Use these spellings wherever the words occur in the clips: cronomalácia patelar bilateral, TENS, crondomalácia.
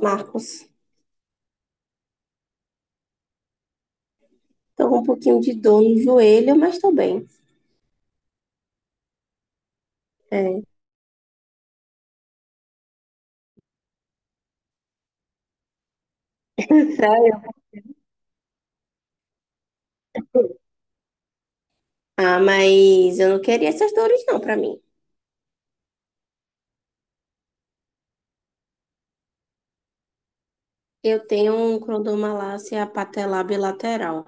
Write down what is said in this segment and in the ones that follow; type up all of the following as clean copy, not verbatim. Marcos. Tô com um pouquinho de dor no joelho, mas tô bem. É. Sério? Ah, mas eu não queria essas dores não pra mim. Eu tenho um cronomalácia patelar bilateral.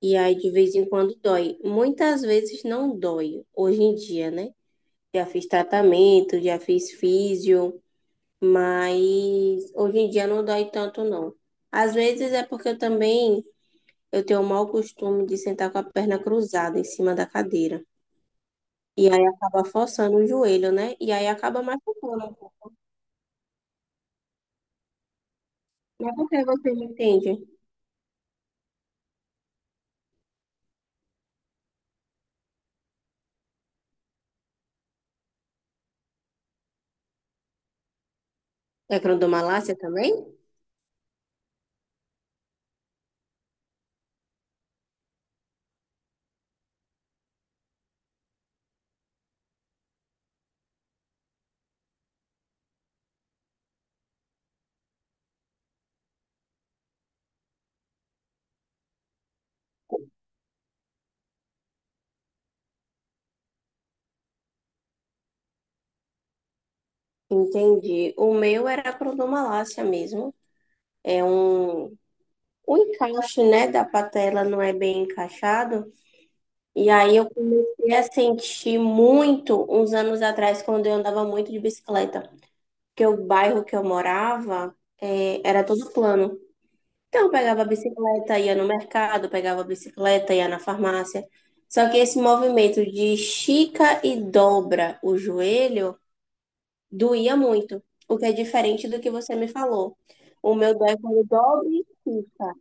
E aí, de vez em quando, dói. Muitas vezes não dói, hoje em dia, né? Já fiz tratamento, já fiz físio, mas hoje em dia não dói tanto, não. Às vezes é porque eu tenho o mau costume de sentar com a perna cruzada em cima da cadeira. E aí acaba forçando o joelho, né? E aí acaba machucando. Mas por que você não entende? É crondomalácia também? Entendi. O meu era crondomalácia mesmo. É um, o encaixe, né, da patela não é bem encaixado. E aí eu comecei a sentir muito uns anos atrás, quando eu andava muito de bicicleta. Porque o bairro que eu morava, era todo plano. Então, eu pegava a bicicleta, ia no mercado, pegava a bicicleta, ia na farmácia. Só que esse movimento de estica e dobra o joelho doía muito, o que é diferente do que você me falou. O meu dói quando dobra e estica.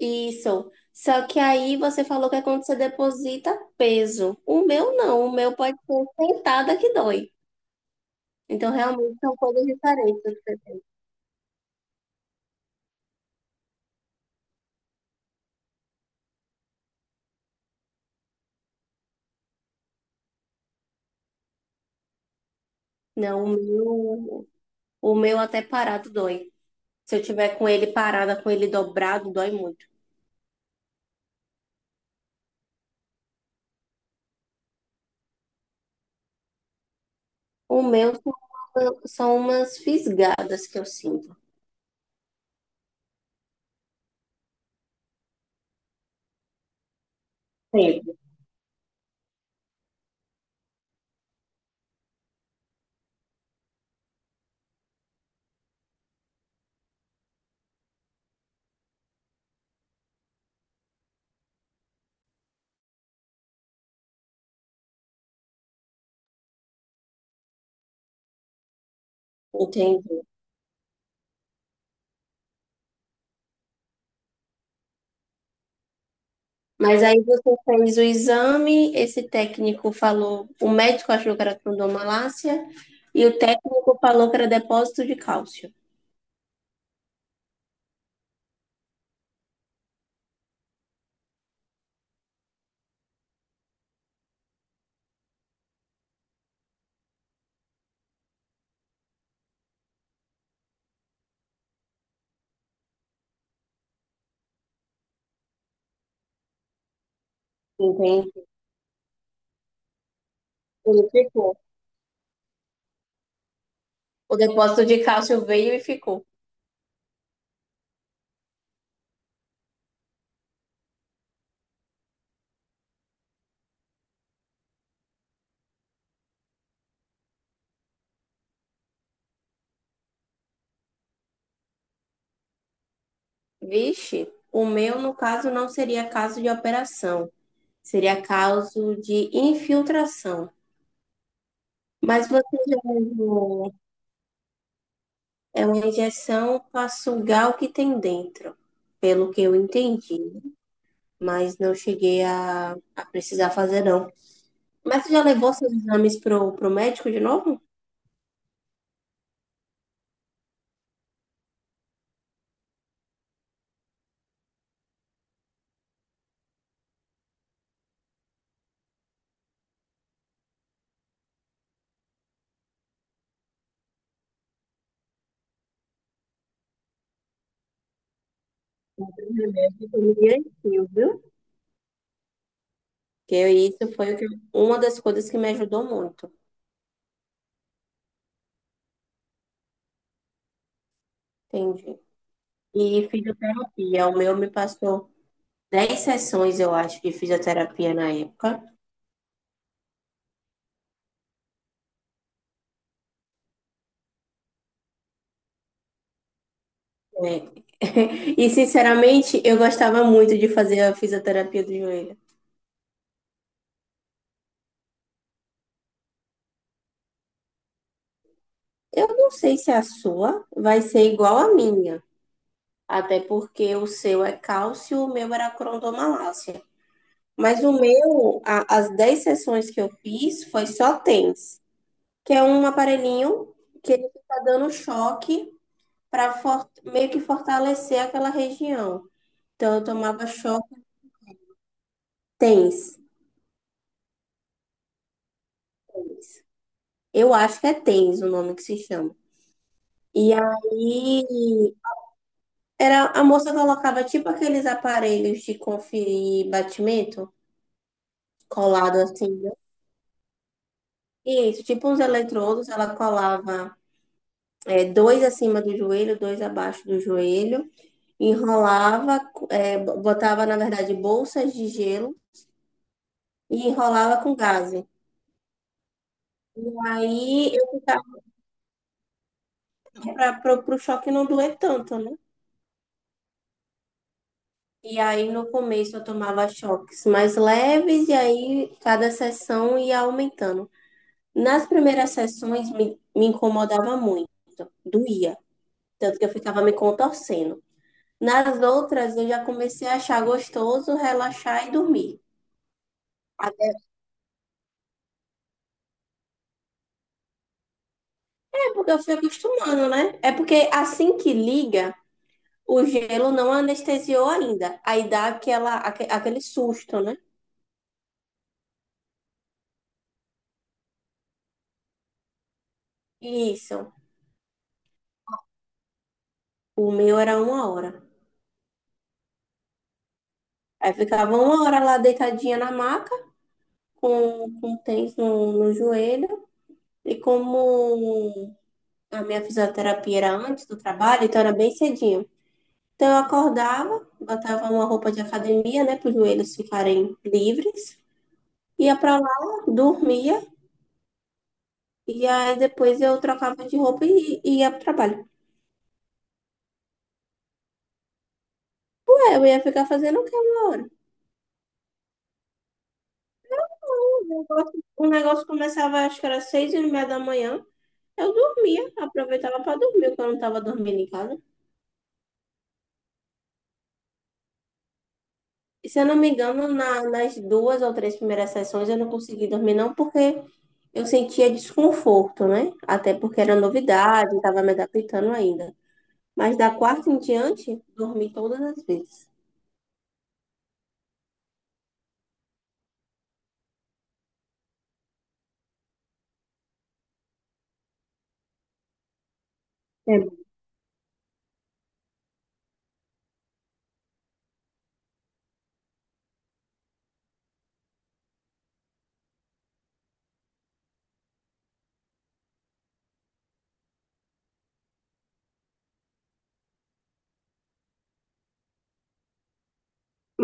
Isso. Só que aí você falou que é quando você deposita peso. O meu não, o meu pode ser sentada que dói. Então, realmente são coisas diferentes. Não, o meu até parado dói. Se eu tiver com ele parada, com ele dobrado, dói muito. O meu são, são umas fisgadas que eu sinto. Sempre, entendi. Mas aí você fez o exame, esse técnico falou, o médico achou que era trondomalácia e o técnico falou que era depósito de cálcio. Entendi. Ele ficou. O depósito de cálcio veio e ficou. Vixe, o meu, no caso, não seria caso de operação, seria caso de infiltração. Mas você já viu. É uma injeção para sugar o que tem dentro, pelo que eu entendi. Mas não cheguei a precisar fazer, não. Mas você já levou seus exames pro médico de novo? O remédio foi direitinho, viu? Porque isso foi o que- Uma das coisas que me ajudou muito. Entendi. E fisioterapia. O meu me passou 10 sessões, eu acho, de fisioterapia na época. É. E, sinceramente, eu gostava muito de fazer a fisioterapia do joelho. Eu não sei se a sua vai ser igual à minha, até porque o seu é cálcio, o meu era crondomalácia. Mas o meu, as 10 sessões que eu fiz foi só TENS, que é um aparelhinho que ele fica dando choque para meio que fortalecer aquela região. Então eu tomava choque TENS. TENS. Eu acho que é TENS o nome que se chama. E aí era a moça colocava tipo aqueles aparelhos de conferir batimento, colado assim, né? Isso, tipo uns eletrodos, ela colava, é, dois acima do joelho, dois abaixo do joelho, enrolava, é, botava, na verdade, bolsas de gelo e enrolava com gaze. Aí eu ficava para o choque não doer tanto, né? E aí no começo eu tomava choques mais leves e aí cada sessão ia aumentando. Nas primeiras sessões me incomodava muito, doía, tanto que eu ficava me contorcendo. Nas outras, eu já comecei a achar gostoso, relaxar e dormir. Até é porque eu fui acostumando, né? É porque assim que liga, o gelo não anestesiou ainda. Aí dá aquele susto, né? Isso. O meu era 1 hora. Aí ficava 1 hora lá deitadinha na maca, com tens no joelho. E como a minha fisioterapia era antes do trabalho, então era bem cedinho. Então, eu acordava, botava uma roupa de academia, né, para os joelhos ficarem livres, ia para lá, dormia, e aí depois eu trocava de roupa e ia para o trabalho. Ué, eu ia ficar fazendo o quê 1 hora? O negócio começava, acho que era 6:30 da manhã, eu dormia, aproveitava para dormir, porque eu não estava dormindo em casa. E se eu não me engano, nas duas ou três primeiras sessões eu não consegui dormir, não, porque eu sentia desconforto, né? Até porque era novidade, estava me adaptando ainda. Mas da quarta em diante, dormi todas as vezes. É.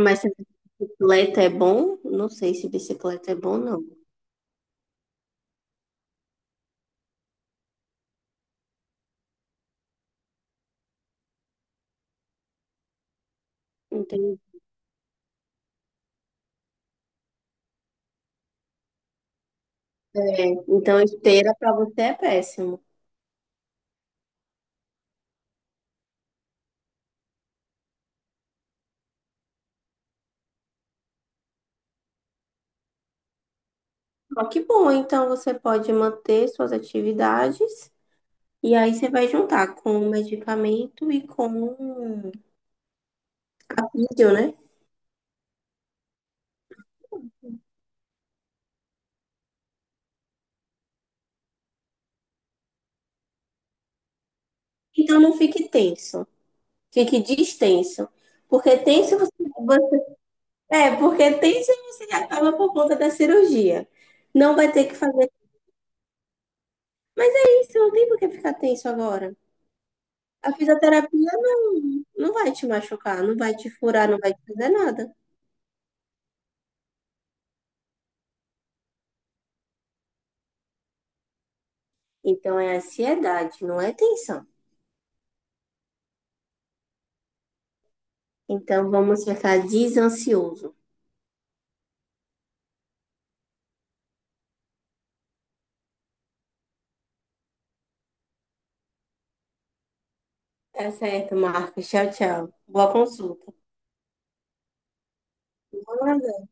Mas se bicicleta é bom, não sei se bicicleta é bom, não. Entendi. É, então, esteira para você é péssimo. Só que bom, então você pode manter suas atividades e aí você vai juntar com o medicamento e com a vídeo, né? Então não fique tenso, fique distenso. Porque tenso você, você- é, porque tenso você acaba por conta da cirurgia. Não vai ter que fazer. Mas é isso, não tem por que ficar tenso agora. A fisioterapia não, não vai te machucar, não vai te furar, não vai te fazer nada. Então é ansiedade, não é tensão. Então vamos ficar desansioso. Tá certo, Marcos. Tchau, tchau. Boa consulta. Boa noite.